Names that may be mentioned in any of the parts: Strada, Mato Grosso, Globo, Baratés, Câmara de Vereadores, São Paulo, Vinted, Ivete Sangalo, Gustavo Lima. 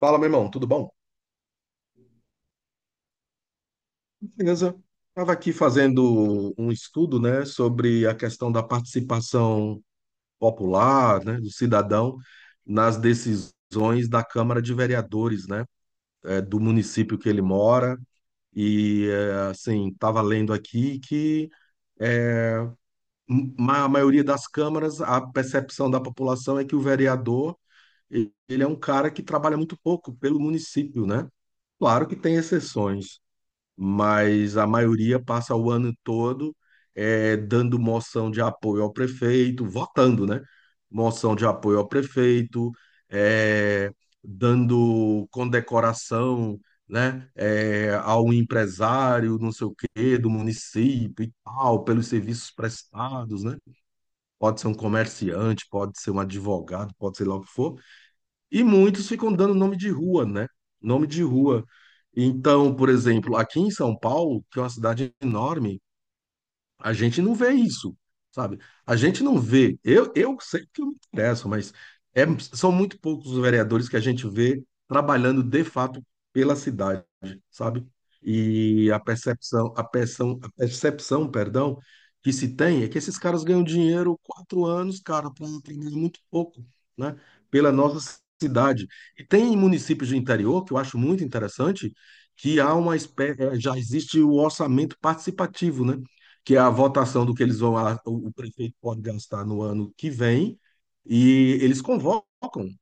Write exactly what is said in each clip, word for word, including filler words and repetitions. Fala, meu irmão, tudo bom? Beleza. Estava aqui fazendo um estudo, né, sobre a questão da participação popular, né, do cidadão nas decisões da Câmara de Vereadores, né, eh, do município que ele mora. E, eh, assim, estava lendo aqui que ma- a maioria das câmaras, a percepção da população é que o vereador, ele é um cara que trabalha muito pouco pelo município, né? Claro que tem exceções, mas a maioria passa o ano todo eh, dando moção de apoio ao prefeito, votando, né? Moção de apoio ao prefeito, eh, dando condecoração, né? eh, ao empresário, não sei o quê, do município e tal, pelos serviços prestados, né? Pode ser um comerciante, pode ser um advogado, pode ser lá o que for. E muitos ficam dando nome de rua, né? Nome de rua. Então, por exemplo, aqui em São Paulo, que é uma cidade enorme, a gente não vê isso, sabe? A gente não vê. Eu, eu sei que eu me interesso, mas é- são muito poucos os vereadores que a gente vê trabalhando de fato pela cidade, sabe? E a percepção, a percepção, a percepção, perdão, que se tem é que esses caras ganham dinheiro quatro anos, cara, para trabalhar muito pouco, né? Pela nossa cidade. E tem municípios do interior que eu acho muito interessante que há uma espécie, já existe o orçamento participativo, né? que é a votação do que eles vão, a- o o prefeito pode gastar no ano que vem, e eles convocam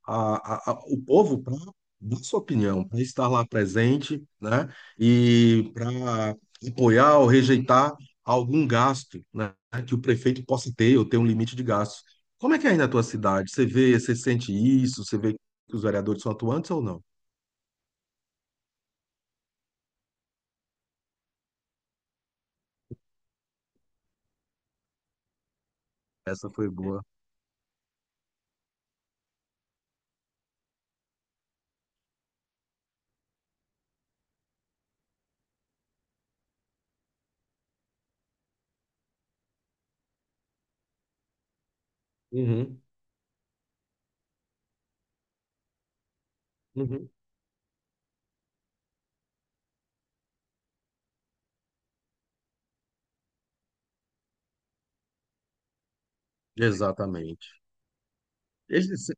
a- a- a- o povo para dar sua opinião, para estar lá presente, né, e para apoiar ou rejeitar algum gasto, né, que o prefeito possa ter ou ter um limite de gastos. Como é que é aí na tua cidade? Você vê, você sente isso? Você vê que os vereadores são atuantes ou não? Essa foi boa. Uhum, uhum. Exatamente. Eles-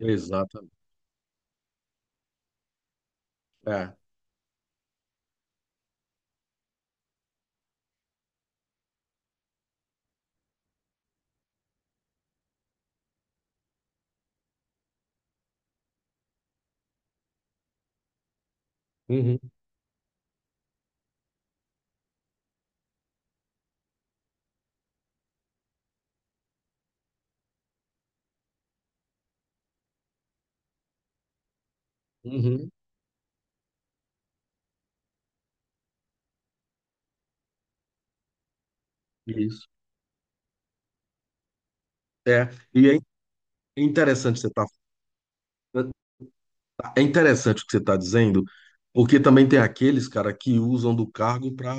Exatamente. É. Uhum. Uhum, isso. É, e é interessante você tá, é interessante o que você está dizendo, porque também tem aqueles, cara, que usam do cargo para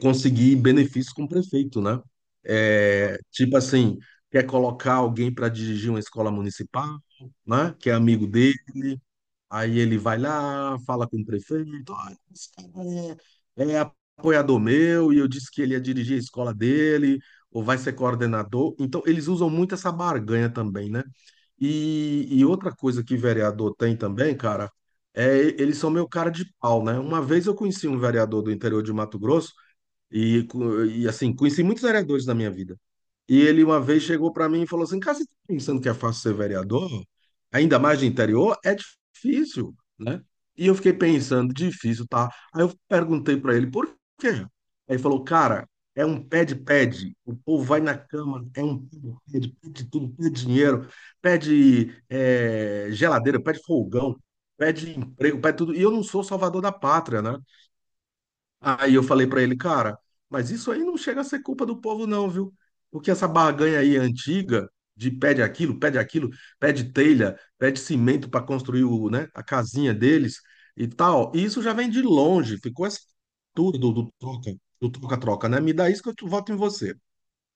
conseguir benefícios com o prefeito, né? É, tipo assim, quer colocar alguém para dirigir uma escola municipal, né? Que é amigo dele. Aí ele vai lá, fala com o prefeito, olha, esse cara é, é apoiador meu, e eu disse que ele ia dirigir a escola dele, ou vai ser coordenador. Então, eles usam muito essa barganha também, né? E, e outra coisa que vereador tem também, cara, é eles são meu cara de pau, né? Uma vez eu conheci um vereador do interior de Mato Grosso, e, co- e assim, conheci muitos vereadores na minha vida. E ele uma vez chegou para mim e falou assim: Cara, você tá pensando que é fácil ser vereador? Ainda mais de interior? É difícil, né? E eu fiquei pensando: difícil, tá? Aí eu perguntei para ele: Por quê? Aí ele falou: Cara, é um pede-pede. O povo vai na Câmara, é um pede-pede, pede tudo, pede dinheiro, pede eh, geladeira, pede fogão, pede emprego, pede tudo. E eu não sou salvador da pátria, né? Aí eu falei pra ele, cara, mas isso aí não chega a ser culpa do povo, não, viu? Porque essa barganha aí antiga de pede aquilo, pede aquilo, pede telha, pede cimento para construir o, né, a casinha deles e tal. E isso já vem de longe, ficou essa cultura do, do troca, do troca-troca, né? Me dá isso que eu te- voto em você.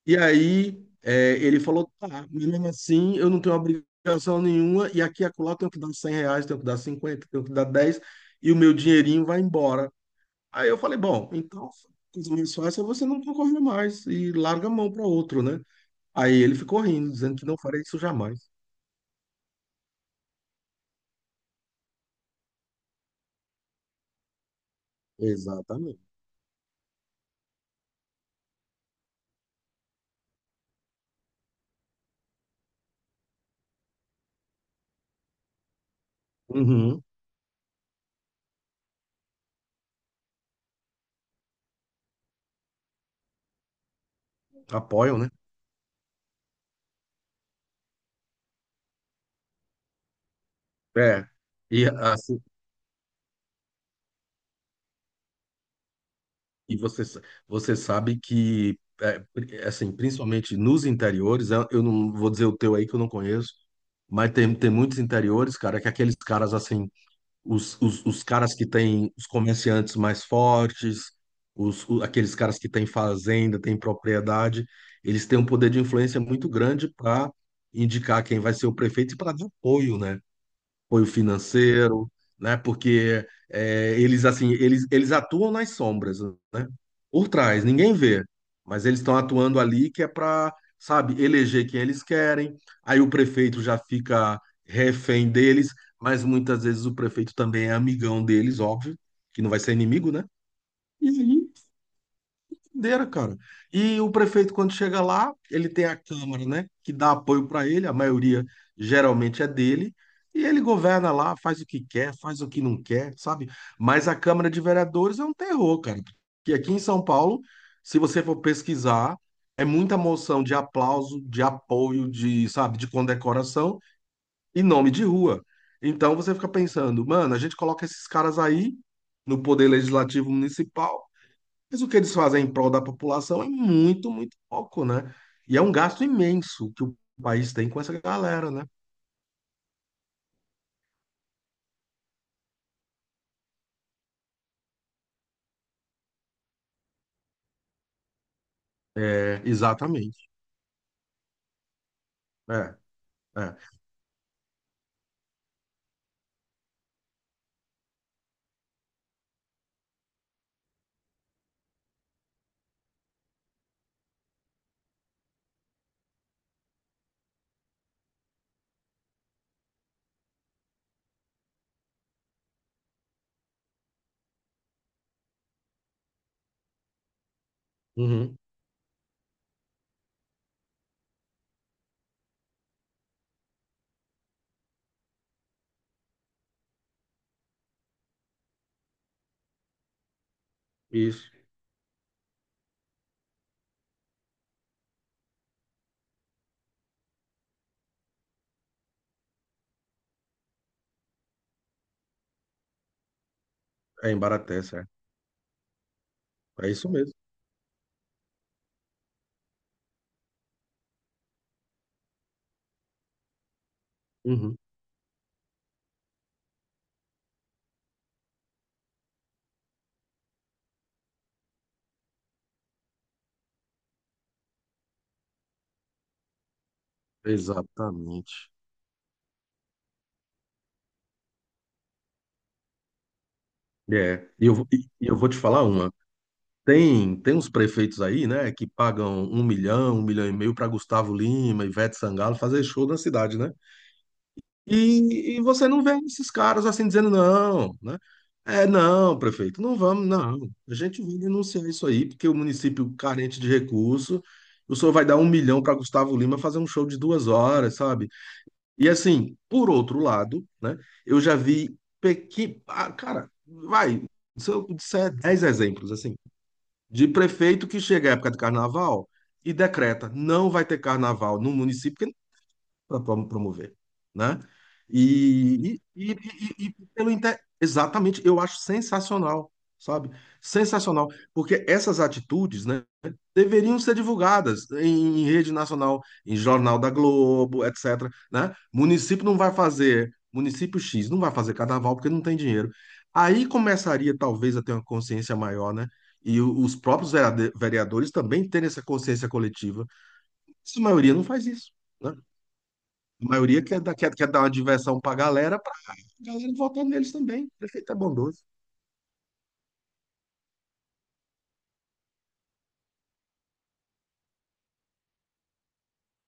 E aí é, ele falou, tá, mas mesmo assim eu não tenho obrigação nenhuma e aqui e acolá eu tenho que dar cem reais, tenho que dar cinquenta, tenho que dar dez e o meu dinheirinho vai embora. Aí eu falei, bom, então a coisa mais fácil é você não concorrer mais e larga a mão para outro, né? Aí ele ficou rindo, dizendo que não faria isso jamais. Exatamente. Uhum. Apoiam, né? É. E assim, e você, você sabe que é, pri- assim, principalmente nos interiores, eu eu não vou dizer o teu aí que eu não conheço, mas tem, tem muitos interiores, cara, que aqueles caras assim os, os, os caras que têm os comerciantes mais fortes, os, o- aqueles caras que têm fazenda, têm propriedade, eles têm um poder de influência muito grande para indicar quem vai ser o prefeito e para dar apoio, né? apoio financeiro, né? Porque é, eles assim, eles, eles atuam nas sombras, né? Por trás, ninguém vê, mas eles estão atuando ali que é para, sabe, eleger quem eles querem. Aí o prefeito já fica refém deles, mas muitas vezes o prefeito também é amigão deles, óbvio, que não vai ser inimigo, né? Doideira, cara. E o prefeito, quando chega lá, ele tem a Câmara, né, que dá apoio para ele, a maioria geralmente é dele, e ele governa lá, faz o que quer, faz o que não quer, sabe? Mas a Câmara de Vereadores é um terror, cara. Porque aqui em São Paulo, se você for pesquisar, é muita moção de aplauso, de apoio, de, sabe, de condecoração e nome de rua. Então você fica pensando, mano, a gente coloca esses caras aí no Poder Legislativo Municipal. Mas o que eles fazem em prol da população é muito, muito pouco, né? E é um gasto imenso que o país tem com essa galera, né? É, exatamente. É, é. Uhum, isso. É em Baratés, é. É isso mesmo. Uhum, exatamente. É. E eu, vou- e eu vou te falar uma. Tem, tem uns prefeitos aí, né, que pagam um milhão, um milhão e meio para Gustavo Lima, Ivete Sangalo fazer show na cidade, né? E, e você não vê esses caras assim dizendo não, né? É, não, prefeito, não vamos, não. A gente vai denunciar isso aí, porque o município carente de recurso, o senhor vai dar um milhão para Gustavo Lima fazer um show de duas horas, sabe? E assim, por outro lado, né? Eu já vi pequi... ah, cara, vai, se eu disser dez exemplos, assim, de prefeito que chega à época de carnaval e decreta, não vai ter carnaval no município, para promover, né? E, e, e, e- e pelo inter... Exatamente, eu acho sensacional, sabe? Sensacional, porque essas atitudes, né, deveriam ser divulgadas em, em, rede nacional, em jornal da Globo, etc, né? Município não vai fazer, município X não vai fazer carnaval porque não tem dinheiro. Aí começaria talvez a ter uma consciência maior, né? E o- os próprios vereade- vereadores também terem essa consciência coletiva. Mas a maioria não faz isso, né? A maioria quer, dar- quer, quer dar uma diversão pra galera, pra galera votar neles também. Prefeito é bondoso.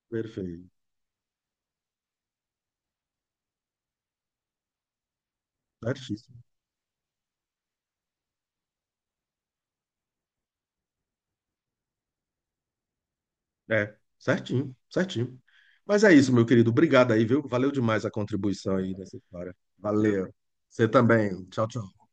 Perfeito. Certíssimo. É, certinho, certinho. Mas é isso, meu querido. Obrigado aí, viu? Valeu demais a contribuição aí nessa história. Valeu. Você também. Tchau, tchau.